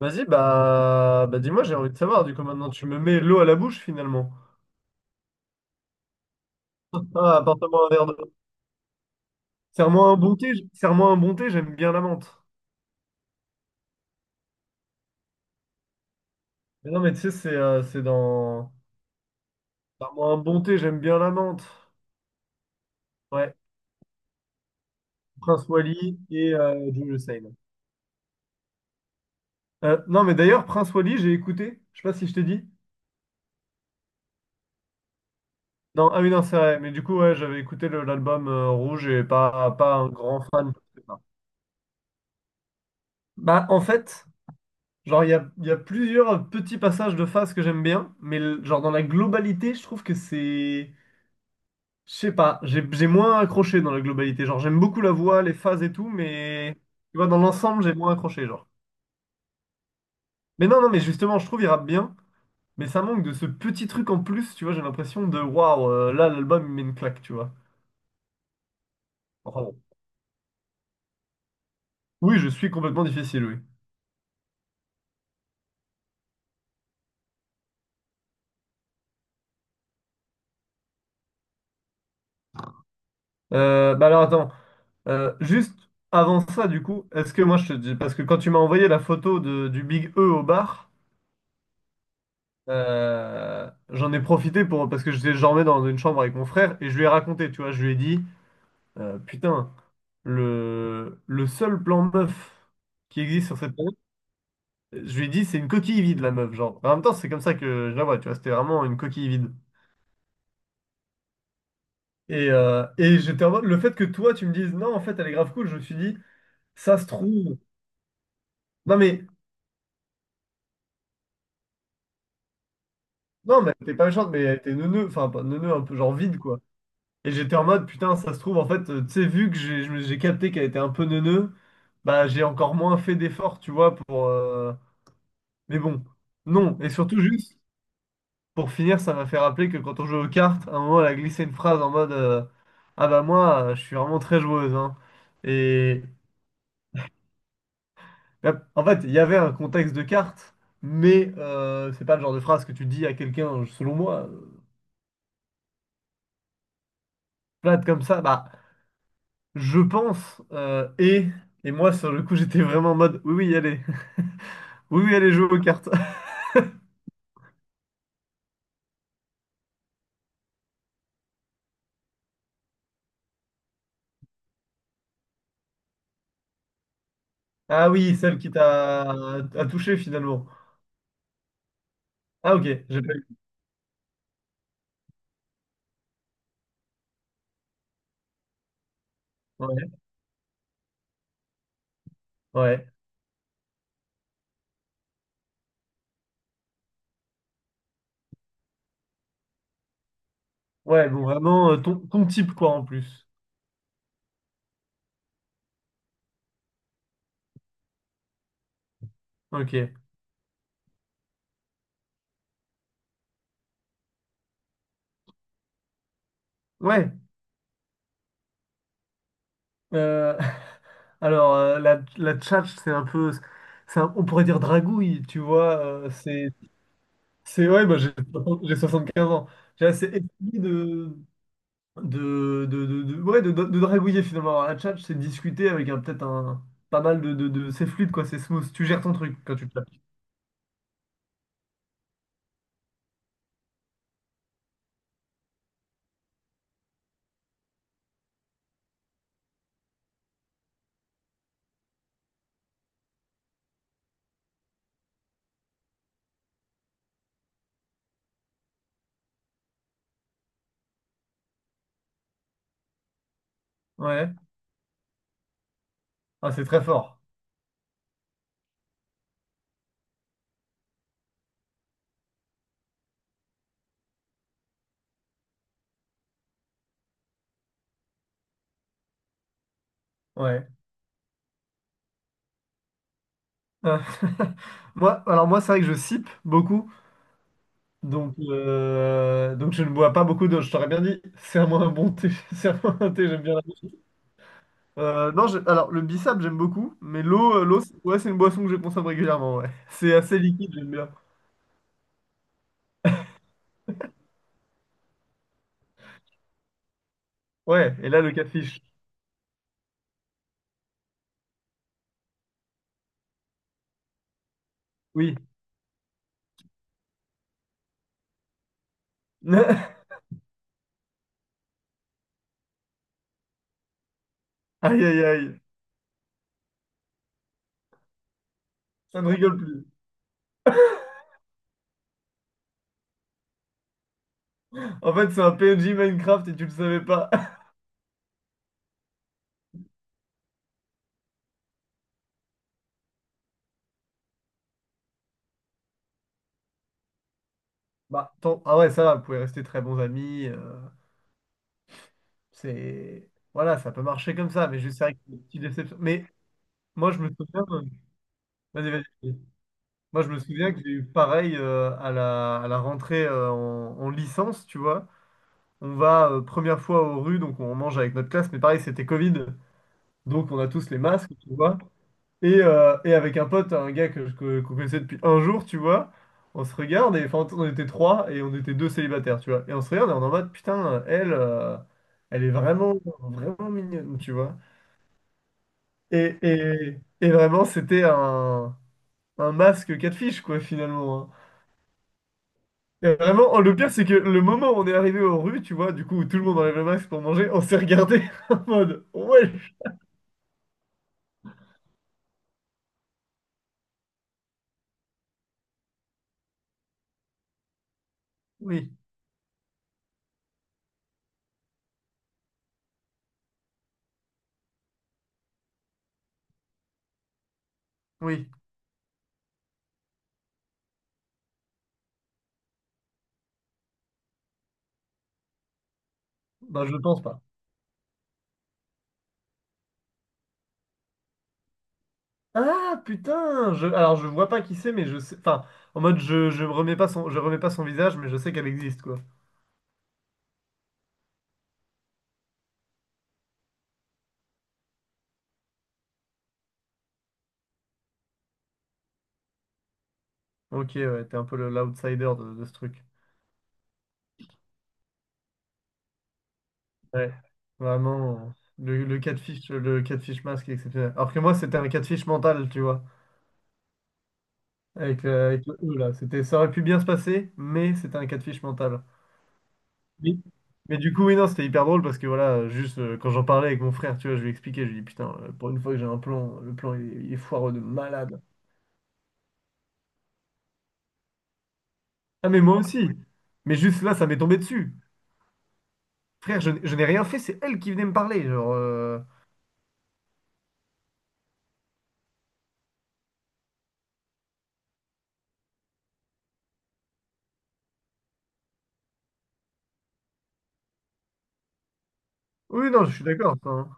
Vas-y, bah dis-moi, j'ai envie de savoir. Du coup, maintenant, tu me mets l'eau à la bouche, finalement. Ah, apporte-moi un verre d'eau. Serre-moi un bon thé, serre-moi un bon thé, j'aime bien la menthe. Mais non, mais tu sais, c'est dans... Serre-moi un bon thé, j'aime bien la menthe. Ouais, Prince Wally et Jules Hussein. Non, mais d'ailleurs, Prince Wally, j'ai écouté. Je sais pas si je t'ai dit. Non, ah oui, non, c'est vrai. Mais du coup, ouais, j'avais écouté l'album Rouge et pas, pas un grand fan. Je sais pas. Bah, en fait... Genre, il y a plusieurs petits passages de phase que j'aime bien, mais genre dans la globalité, je trouve que c'est... Je sais pas, j'ai moins accroché dans la globalité. Genre, j'aime beaucoup la voix, les phases et tout, mais... Tu vois, dans l'ensemble, j'ai moins accroché, genre. Mais non, non, mais justement, je trouve il rappe bien, mais ça manque de ce petit truc en plus, tu vois, j'ai l'impression de... Waouh, là, l'album, il met une claque, tu vois. Enfin, bon. Oui, je suis complètement difficile, oui. Bah alors, attends. Juste avant ça, du coup, est-ce que moi, je te dis... Parce que quand tu m'as envoyé la photo de, du Big E au bar... j'en ai profité pour parce que j'étais jamais dans une chambre avec mon frère et je lui ai raconté, tu vois, je lui ai dit, putain, le seul plan meuf qui existe sur cette planète, je lui ai dit, c'est une coquille vide, la meuf, genre. En même temps, c'est comme ça que je la vois, tu vois, c'était vraiment une coquille vide. Et j'étais en mode, le fait que toi, tu me dises, non, en fait, elle est grave cool, je me suis dit, ça se trouve. Non, mais, non, mais t'es pas méchante, mais t'es neuneu, enfin, pas neuneu, un peu genre vide, quoi. Et j'étais en mode, putain, ça se trouve, en fait, tu sais, vu que j'ai capté qu'elle était un peu neuneu, bah j'ai encore moins fait d'efforts, tu vois, pour... Mais bon, non. Et surtout, juste, pour finir, ça m'a fait rappeler que quand on jouait aux cartes, à un moment, elle a glissé une phrase en mode, ah bah moi, je suis vraiment très joueuse, hein. Et bah, en fait, il y avait un contexte de cartes, mais c'est pas le genre de phrase que tu dis à quelqu'un, selon moi, plate comme ça, bah, je pense, et... Et moi, sur le coup, j'étais vraiment en mode, oui, oui, allez. Oui, oui, elle joue aux cartes. Ah oui, celle qui t'a a touché finalement. Ah ok, j'ai pas eu. Ouais, ouais. Ouais, bon, vraiment ton type quoi en plus. Ok. Ouais. Euh, alors la tchatche, c'est un peu. C'est un- on pourrait dire dragouille, tu vois. C'est. C'est ouais, bah, j'ai 75 ans. J'ai assez essayé de. De, ouais, de, de dragouiller finalement. Alors, la tchatche, c'est discuter avec un- peut-être un. Pas mal de, c'est fluide quoi, c'est smooth. Tu gères ton truc quand tu te la Ah, c'est très fort. Ouais. Euh, moi, alors moi, c'est vrai que je sipe beaucoup, donc je ne bois pas beaucoup d'eau. Je t'aurais bien dit, serre-moi un bon thé, serre-moi un thé, j'aime bien la Non, alors le bissap, j'aime beaucoup, mais l'eau, l'eau, c'est- ouais, c'est une boisson que je consomme régulièrement. Ouais, c'est assez liquide, j'aime bien. Ouais, et là le catfish. Oui. Aïe aïe aïe, ça ne rigole plus. En fait, c'est un PNJ Minecraft et tu le savais pas. Bah, tant- ah ouais, ça va, vous pouvez rester très bons amis. C'est voilà, ça peut marcher comme ça, mais je sais que c'est une petite déception. Mais moi, je me souviens, vas-y, vas-y, vas-y. Moi, je me souviens que j'ai eu pareil à la rentrée en, en licence, tu vois. On va première fois aux rues, donc on mange avec notre classe, mais pareil, c'était Covid, donc on a tous les masques, tu vois. Et avec un pote, un gars que, qu'on connaissait depuis un jour, tu vois, on se regarde, et enfin, on était trois et on était deux célibataires, tu vois. Et on se regarde et on est en mode, putain, elle, elle est vraiment, vraiment mignonne, tu vois. Et vraiment, c'était un masque catfish, quoi, finalement. Hein. Et vraiment, oh, le pire, c'est que le moment où on est arrivé aux rues, tu vois, du coup, où tout le monde enlève le masque pour manger, on s'est regardé en mode, ouais, oui, oui, ben, je pense pas. Ah, putain, je, alors je vois pas qui c'est, mais je sais, enfin, en mode, je remets pas son, je remets pas son visage, mais je sais qu'elle existe, quoi. Ok, ouais, t'es un peu l'outsider de ce truc. Ouais, vraiment, le catfish, le catfish masque est exceptionnel. Alors que moi, c'était un catfish mental, tu vois. Avec, avec le E, là. C'était, ça aurait pu bien se passer, mais c'était un cas de fiche mental. Mais, mais du coup, oui, non, c'était hyper drôle parce que voilà, juste quand j'en parlais avec mon frère, tu vois, je lui expliquais, je lui dis putain, pour une fois que j'ai un plan, le plan il est foireux de malade. Ah, mais moi aussi. Mais juste là, ça m'est tombé dessus. Frère, je, je n'ai rien fait, c'est elle qui venait me parler. Genre, oui, non, je suis d'accord. Enfin.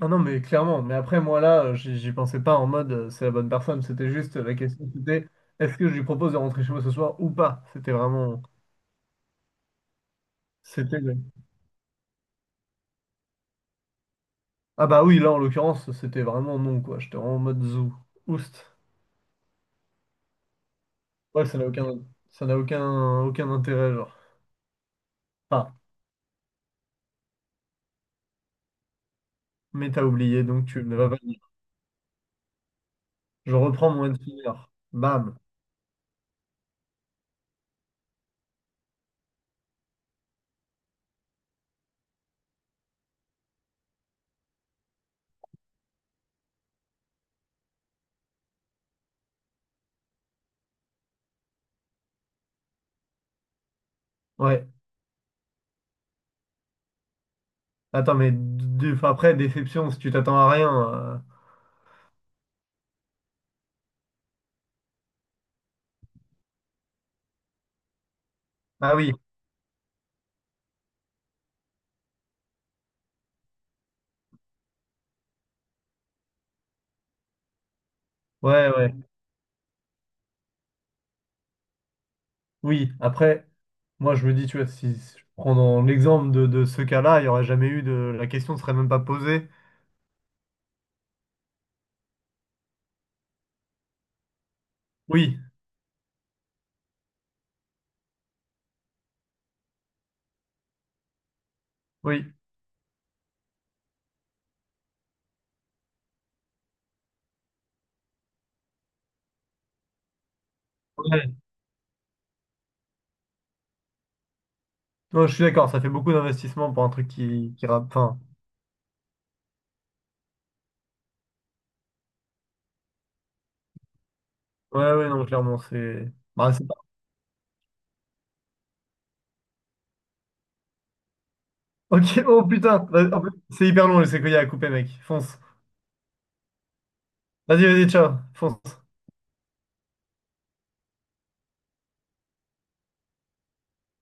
Ah non, mais clairement. Mais après, moi là, j'y pensais pas en mode c'est la bonne personne. C'était juste la question, c'était est-ce que je lui propose de rentrer chez moi ce soir ou pas? C'était vraiment. C'était. Ah bah oui, là en l'occurrence, c'était vraiment non quoi. J'étais vraiment en mode zoo Oust. Ouais, ça n'a aucun, aucun intérêt, genre. Ah, mais t'as oublié, donc tu ne vas pas le dire. Je reprends mon one finger. Bam. Ouais. Attends, mais après, déception, si tu t'attends à rien. Ah oui, ouais, ouais. Oui, après, moi je me dis, tu vois, si si je prends dans l'exemple de ce cas-là, il n'y aurait jamais eu de. La question ne serait même pas posée. Oui, oui. Ouais. Non, je suis d'accord, ça fait beaucoup d'investissement pour un truc qui rappe. Enfin, Ouais, ouais, non, clairement, c'est. Bah, c'est pas. Ok, oh putain, vas- en plus, c'est hyper long, je sais qu'il y a à couper, mec. Fonce. Vas-y, vas-y, ciao, fonce.